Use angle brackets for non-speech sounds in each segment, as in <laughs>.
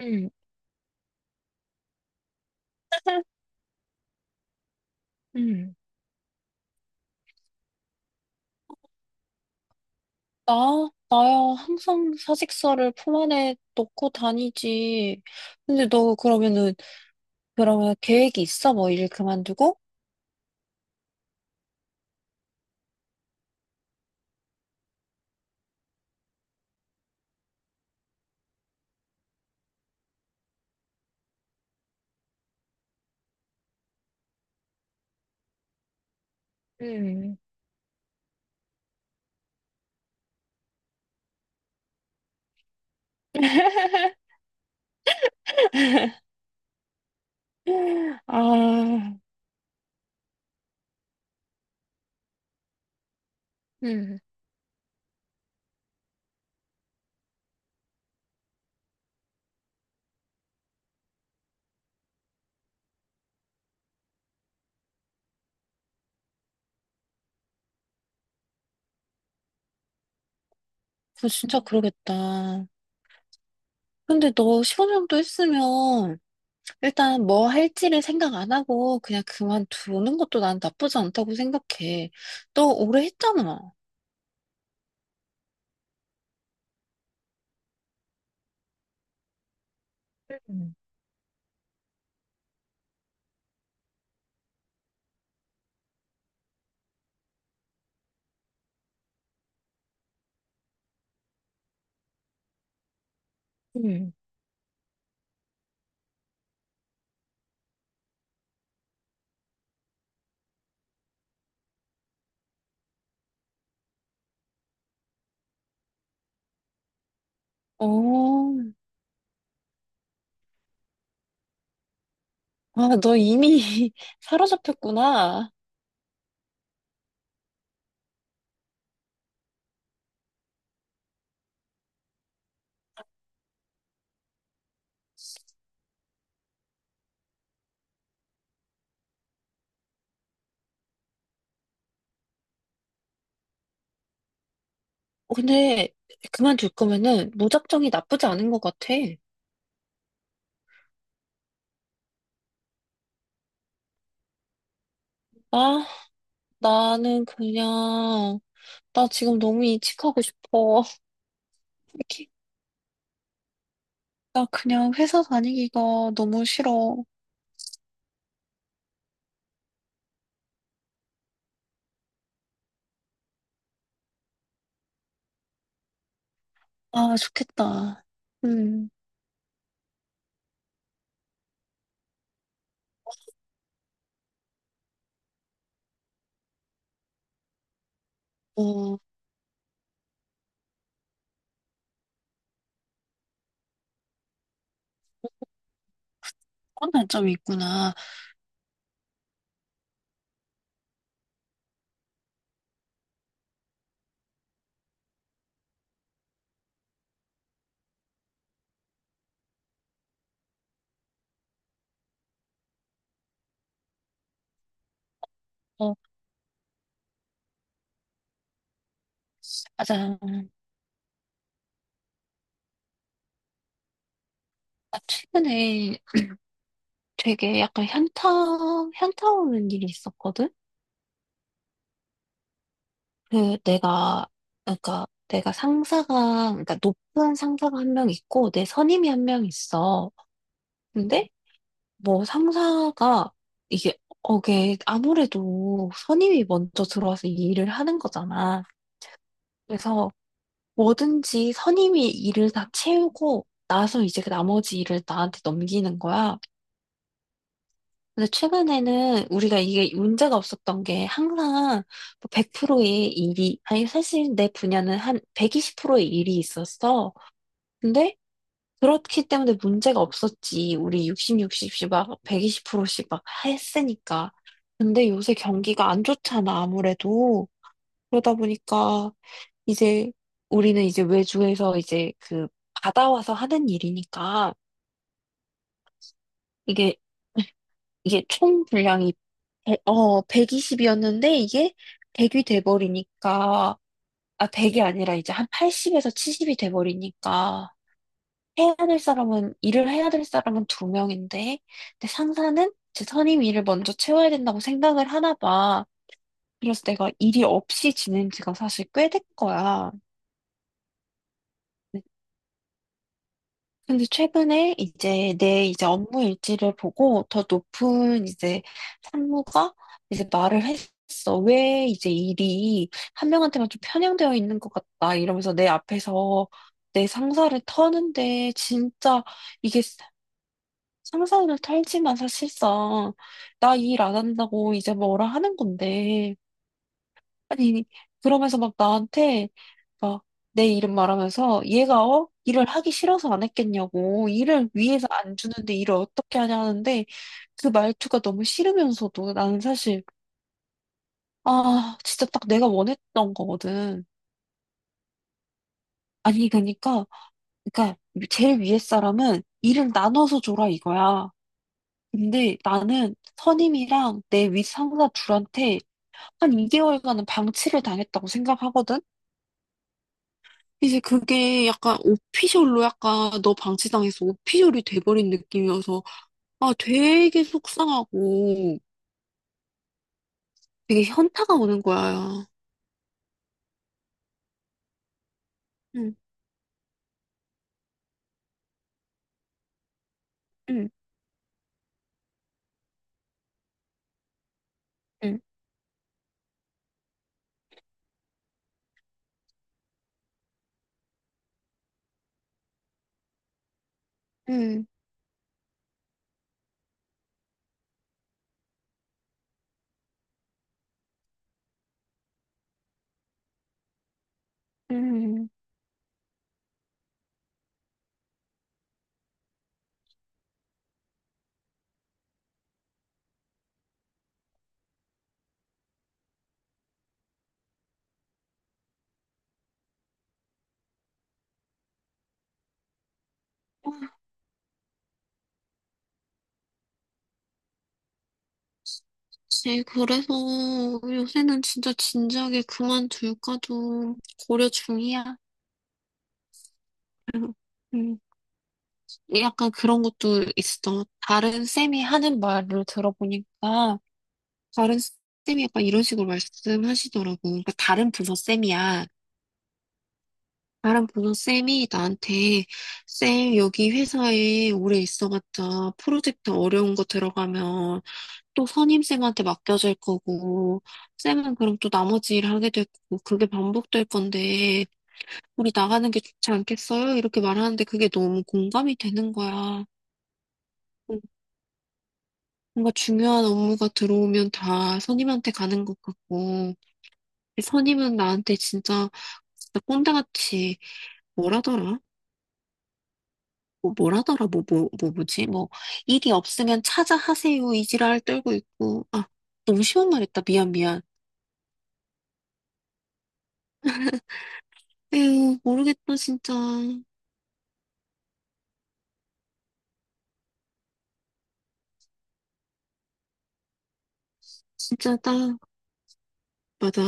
음, 음. 나야 항상 사직서를 품 안에 넣고 다니지. 근데 너 그러면 계획이 있어? 뭐 일 그만두고? 음. <laughs> 아, 음. 그거 진짜 그러겠다. 근데 너 15년 정도 했으면 일단 뭐 할지를 생각 안 하고 그냥 그만두는 것도 난 나쁘지 않다고 생각해. 너 오래 했잖아. 음. 음. 어. 아, 너 이미 <laughs> 사로잡혔구나. 어, 근데 그만둘 거면은 무작정이 나쁘지 않은 것 같아. 아, 나는 그냥, 나 지금 너무 이직하고 싶어. <laughs> 이렇게, 나 그냥 회사 다니기가 너무 싫어. 아, 좋겠다. 음, 어, 그런 단점이 있구나. 어, 맞아. 나 최근에 되게 약간 현타 오는 일이 있었거든? 내가 그러니까 내가 상사가 그러니까 높은 상사가 한 명 있고 내 선임이 한 명 있어. 근데 뭐 상사가 이게 어게 아무래도 선임이 먼저 들어와서 이 일을 하는 거잖아. 그래서 뭐든지 선임이 일을 다 채우고 나서 이제 그 나머지 일을 나한테 넘기는 거야. 근데 최근에는 우리가 이게 문제가 없었던 게 항상 뭐 100%의 일이, 아니, 사실 내 분야는 한 120%의 일이 있었어. 근데 그렇기 때문에 문제가 없었지. 우리 60, 60씩 막 120%씩 막 했으니까. 근데 요새 경기가 안 좋잖아, 아무래도. 그러다 보니까 이제 우리는 이제 외주에서 이제 그 받아와서 하는 일이니까 이게 이게 총 분량이 120이었는데 이게 100이 돼버리니까, 아, 100이 아니라 이제 한 80에서 70이 돼버리니까, 일을 해야 될 사람은 두 명인데, 근데 상사는 제 선임 일을 먼저 채워야 된다고 생각을 하나 봐. 그래서 내가 일이 없이 지낸 지가 사실 꽤 된 거야. 근데 최근에 이제 내 이제 업무 일지를 보고 더 높은 이제 상무가 이제 말을 했어. 왜 이제 일이 한 명한테만 좀 편향되어 있는 것 같다. 이러면서 내 앞에서 내 상사를 터는데 진짜 이게 상사를 털지만 사실상 나 일 안 한다고 이제 뭐라 하는 건데. 아니, 그러면서 막 나한테 막 내 이름 말하면서 얘가 어? 일을 하기 싫어서 안 했겠냐고 일을 위해서 안 주는데 일을 어떻게 하냐 하는데 그 말투가 너무 싫으면서도 나는 사실 아 진짜 딱 내가 원했던 거거든. 아니 그러니까 제일 위에 사람은 일을 나눠서 줘라 이거야. 근데 나는 선임이랑 내 윗상사 둘한테 한 2개월간은 방치를 당했다고 생각하거든. 이제 그게 약간 오피셜로 약간 너 방치당해서 오피셜이 돼버린 느낌이어서 아 되게 속상하고 되게 현타가 오는 거야. 응, 응, 응, 응, 응. 아, 그치. 그래서 요새는 진짜 진작에 그만둘까도 고려 중이야. 응, 응. 약간 그런 것도 있어. 다른 쌤이 하는 말을 들어보니까 다른 쌤이 약간 이런 식으로 말씀하시더라고. 그러니까 다른 부서 쌤이야. 나랑 보던 쌤이 나한테 쌤 여기 회사에 오래 있어봤자 프로젝트 어려운 거 들어가면 또 선임쌤한테 맡겨질 거고 쌤은 그럼 또 나머지 일 하게 될 거고 그게 반복될 건데 우리 나가는 게 좋지 않겠어요? 이렇게 말하는데 그게 너무 공감이 되는 거야. 음, 뭔가 중요한 업무가 들어오면 다 선임한테 가는 것 같고 선임은 나한테 진짜 진짜 꼰대같이 뭐라더라? 뭐, 뭐라더라, 뭐, 뭐, 뭐, 뭐지? 뭐, 일이 없으면 찾아 하세요. 이 지랄 떨고 있고. 아, 너무 쉬운 말 했다. 미안, 미안. 에휴, 모르겠다, 진짜. 진짜 딱, 맞아.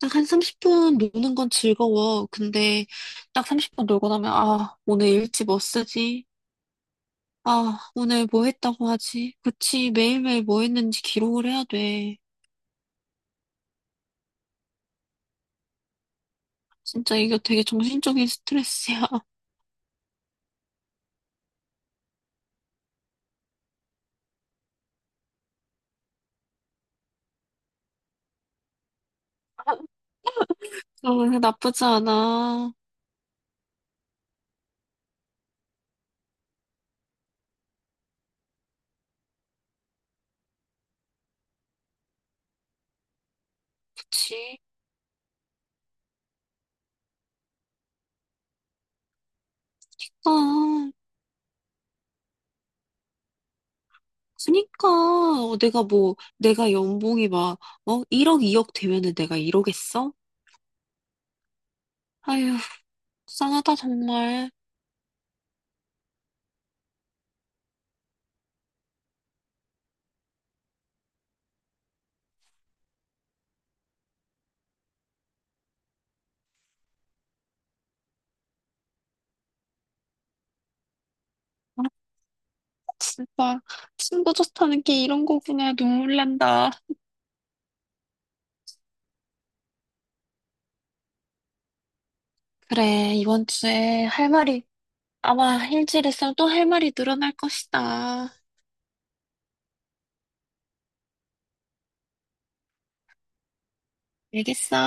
딱 한 30분 노는 건 즐거워. 근데 딱 30분 놀고 나면, 아, 오늘 일지 뭐 쓰지? 아, 오늘 뭐 했다고 하지? 그치, 매일매일 뭐 했는지 기록을 해야 돼. 진짜 이거 되게 정신적인 스트레스야. <laughs> 어, 나쁘지 않아. 그치? 아. 그니까 어, 내가 연봉이 막 어? 1억 2억 되면은 내가 이러겠어? 아휴, 불쌍하다, 정말. 아, 진짜 친구 좋다는 게 이런 거구나. 눈물 난다. 그래, 이번 주에 할 말이 아마 일주일에 있으면 또 할 말이 늘어날 것이다. 알겠어?